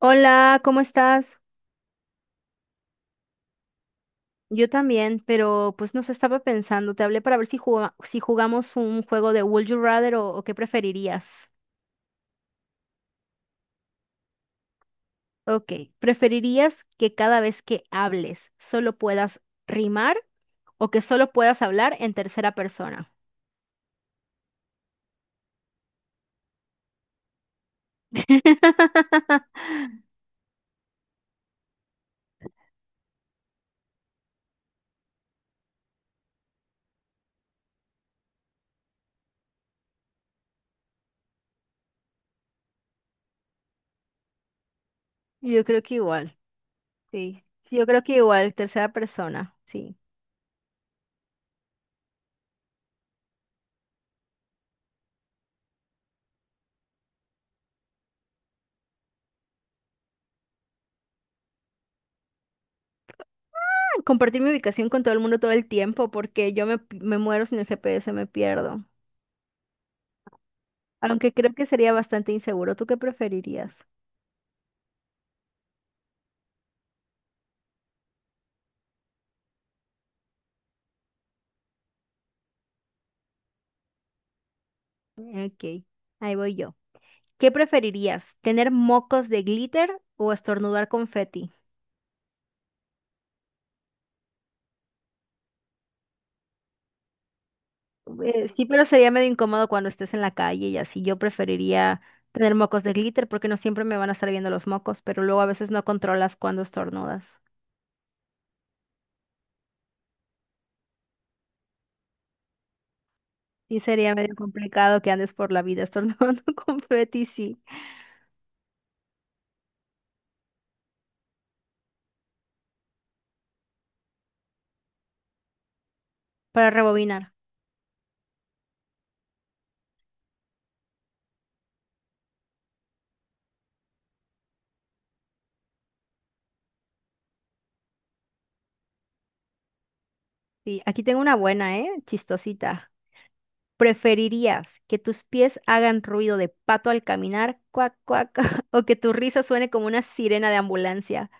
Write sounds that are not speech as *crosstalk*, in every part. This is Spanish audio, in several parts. Hola, ¿cómo estás? Yo también, pero pues no sé, estaba pensando, te hablé para ver si si jugamos un juego de Would You Rather o qué preferirías. Ok, ¿preferirías que cada vez que hables solo puedas rimar o que solo puedas hablar en tercera persona? *laughs* Yo creo que igual, sí. Sí, yo creo que igual, tercera persona, sí. Compartir mi ubicación con todo el mundo todo el tiempo porque yo me muero sin el GPS, me pierdo. Aunque creo que sería bastante inseguro. ¿Tú qué preferirías? Ok, ahí voy yo. ¿Qué preferirías? ¿Tener mocos de glitter o estornudar confeti? Sí, pero sería medio incómodo cuando estés en la calle y así. Yo preferiría tener mocos de glitter porque no siempre me van a estar viendo los mocos, pero luego a veces no controlas cuando estornudas. Sí, sería medio complicado que andes por la vida estornudando *laughs* confeti, sí. Para rebobinar. Sí, aquí tengo una buena, ¿eh? Chistosita. ¿Preferirías que tus pies hagan ruido de pato al caminar, cuac, cuac, *laughs* o que tu risa suene como una sirena de ambulancia?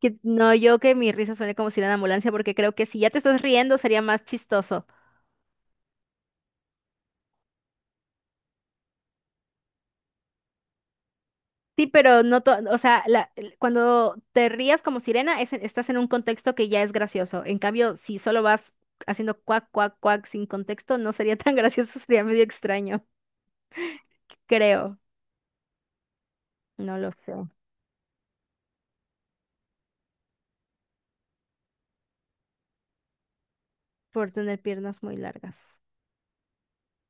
Que no, yo que mi risa suene como sirena de ambulancia porque creo que si ya te estás riendo sería más chistoso. Sí, pero no, o sea, cuando te rías como sirena estás en un contexto que ya es gracioso. En cambio, si solo vas haciendo cuac, cuac, cuac sin contexto, no sería tan *laughs* gracioso, sería medio extraño, creo. No lo sé, por tener piernas muy largas.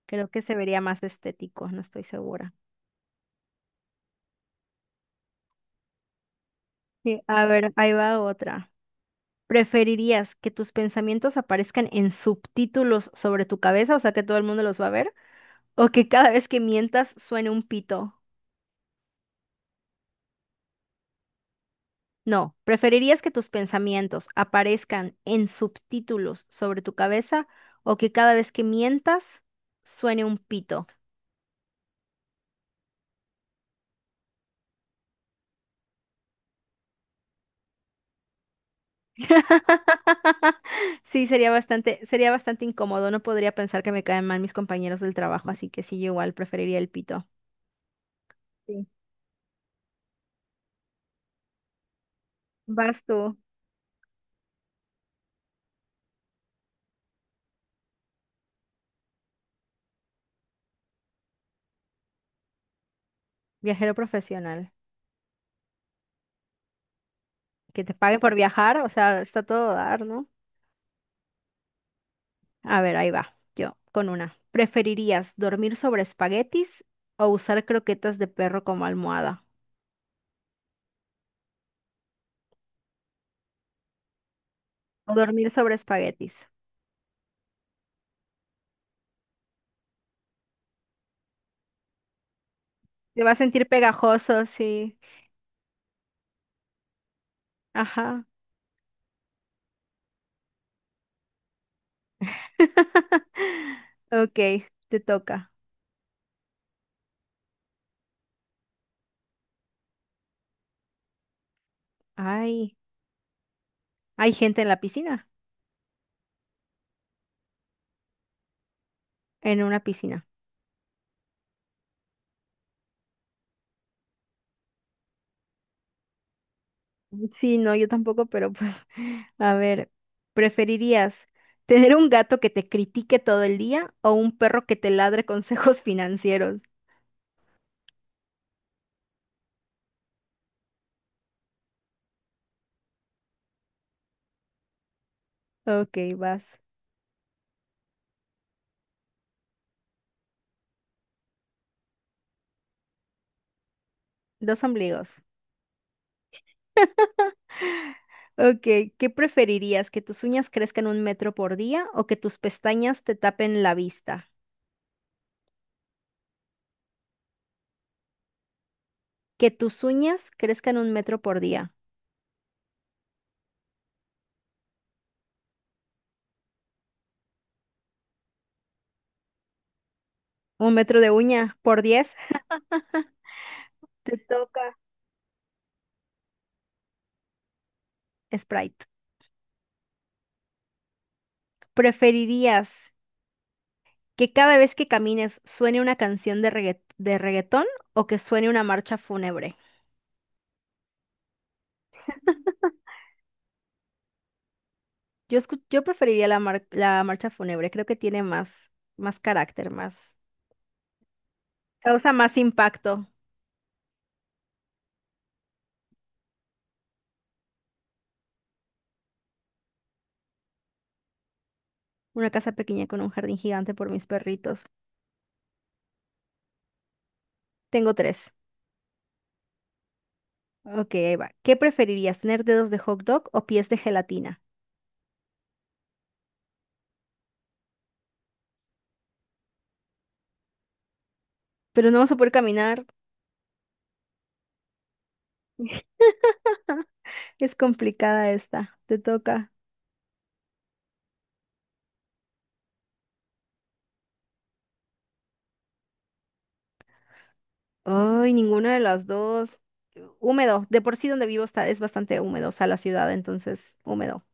Creo que se vería más estético, no estoy segura. Sí, a ver, ahí va otra. ¿Preferirías que tus pensamientos aparezcan en subtítulos sobre tu cabeza, o sea que todo el mundo los va a ver? ¿O que cada vez que mientas suene un pito? No, ¿preferirías que tus pensamientos aparezcan en subtítulos sobre tu cabeza o que cada vez que mientas suene un pito? *laughs* Sí, sería bastante incómodo. No podría pensar que me caen mal mis compañeros del trabajo, así que sí, yo igual preferiría el pito. Sí. Vas tú, viajero profesional. Que te pague por viajar, o sea, está todo a dar, ¿no? A ver, ahí va, yo, con una. ¿Preferirías dormir sobre espaguetis o usar croquetas de perro como almohada? O dormir sobre espaguetis. Te va a sentir pegajoso, sí. Ajá. *laughs* Ok, te toca. Ay. Hay gente en la piscina, en una piscina. Sí, no, yo tampoco, pero pues, *laughs* a ver, ¿preferirías tener un gato que te critique todo el día o un perro que te ladre *laughs* consejos financieros? Ok, vas. Dos ombligos. Ok, ¿qué preferirías? ¿Que tus uñas crezcan un metro por día o que tus pestañas te tapen la vista? Que tus uñas crezcan un metro por día. Un metro de uña por diez. Te toca. Sprite. ¿Preferirías que cada vez que camines suene una canción de de reggaetón o que suene una marcha fúnebre. Yo, yo preferiría la, la marcha fúnebre, creo que tiene más, más carácter, más, causa más impacto. Una casa pequeña con un jardín gigante por mis perritos. Tengo tres. Ok, ahí va. ¿Qué preferirías, tener dedos de hot dog o pies de gelatina? Pero no vas a poder caminar. *laughs* Es complicada esta. Te toca. Ay, ninguna de las dos. Húmedo. De por sí donde vivo está, es bastante húmedo, o sea, la ciudad, entonces, húmedo.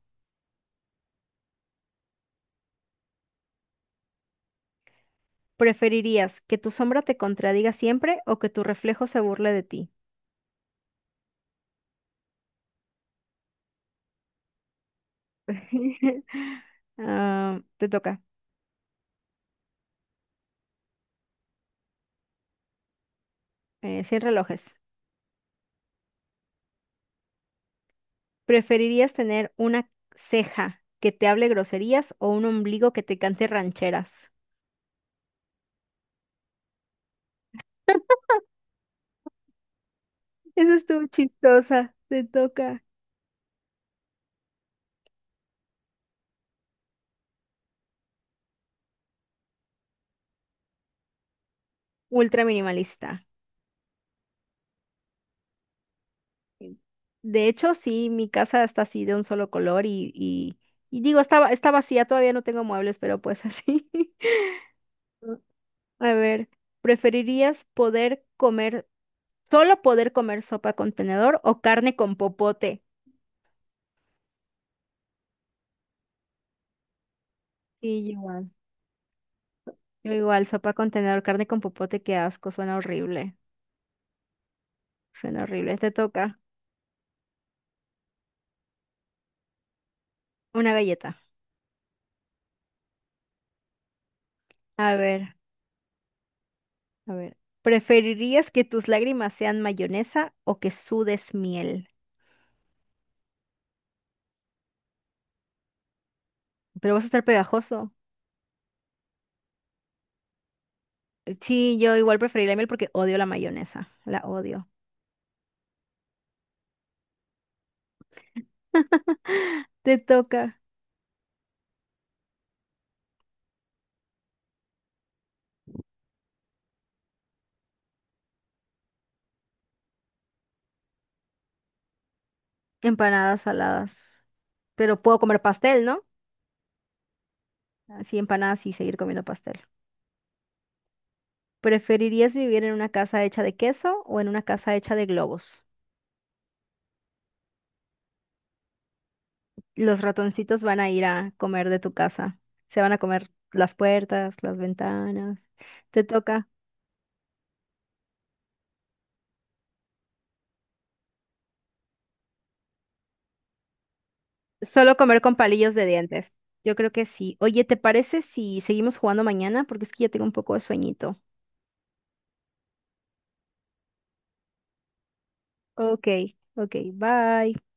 ¿Preferirías que tu sombra te contradiga siempre o que tu reflejo se burle de ti? *laughs* Ah, te toca. Sin relojes. ¿Preferirías tener una ceja que te hable groserías o un ombligo que te cante rancheras? Eso estuvo chistosa. Te toca. Ultra minimalista. Sí. De hecho, sí, mi casa está así de un solo color y digo, estaba, está vacía, todavía no tengo muebles, pero pues así. *laughs* A ver, ¿preferirías poder comer, solo poder comer sopa con tenedor o carne con popote? Sí, yo igual. Yo igual, sopa con tenedor, carne con popote, qué asco, suena horrible. Suena horrible. Te toca una galleta. A ver, a ver. ¿Preferirías que tus lágrimas sean mayonesa o que sudes miel? Pero vas a estar pegajoso. Sí, yo igual preferiría la miel porque odio la mayonesa. La odio. Te toca empanadas saladas. Pero puedo comer pastel, ¿no? Así empanadas y seguir comiendo pastel. ¿Preferirías vivir en una casa hecha de queso o en una casa hecha de globos? Los ratoncitos van a ir a comer de tu casa. Se van a comer las puertas, las ventanas. Te toca solo comer con palillos de dientes. Yo creo que sí. Oye, ¿te parece si seguimos jugando mañana? Porque es que ya tengo un poco de sueñito. Ok, ok, bye.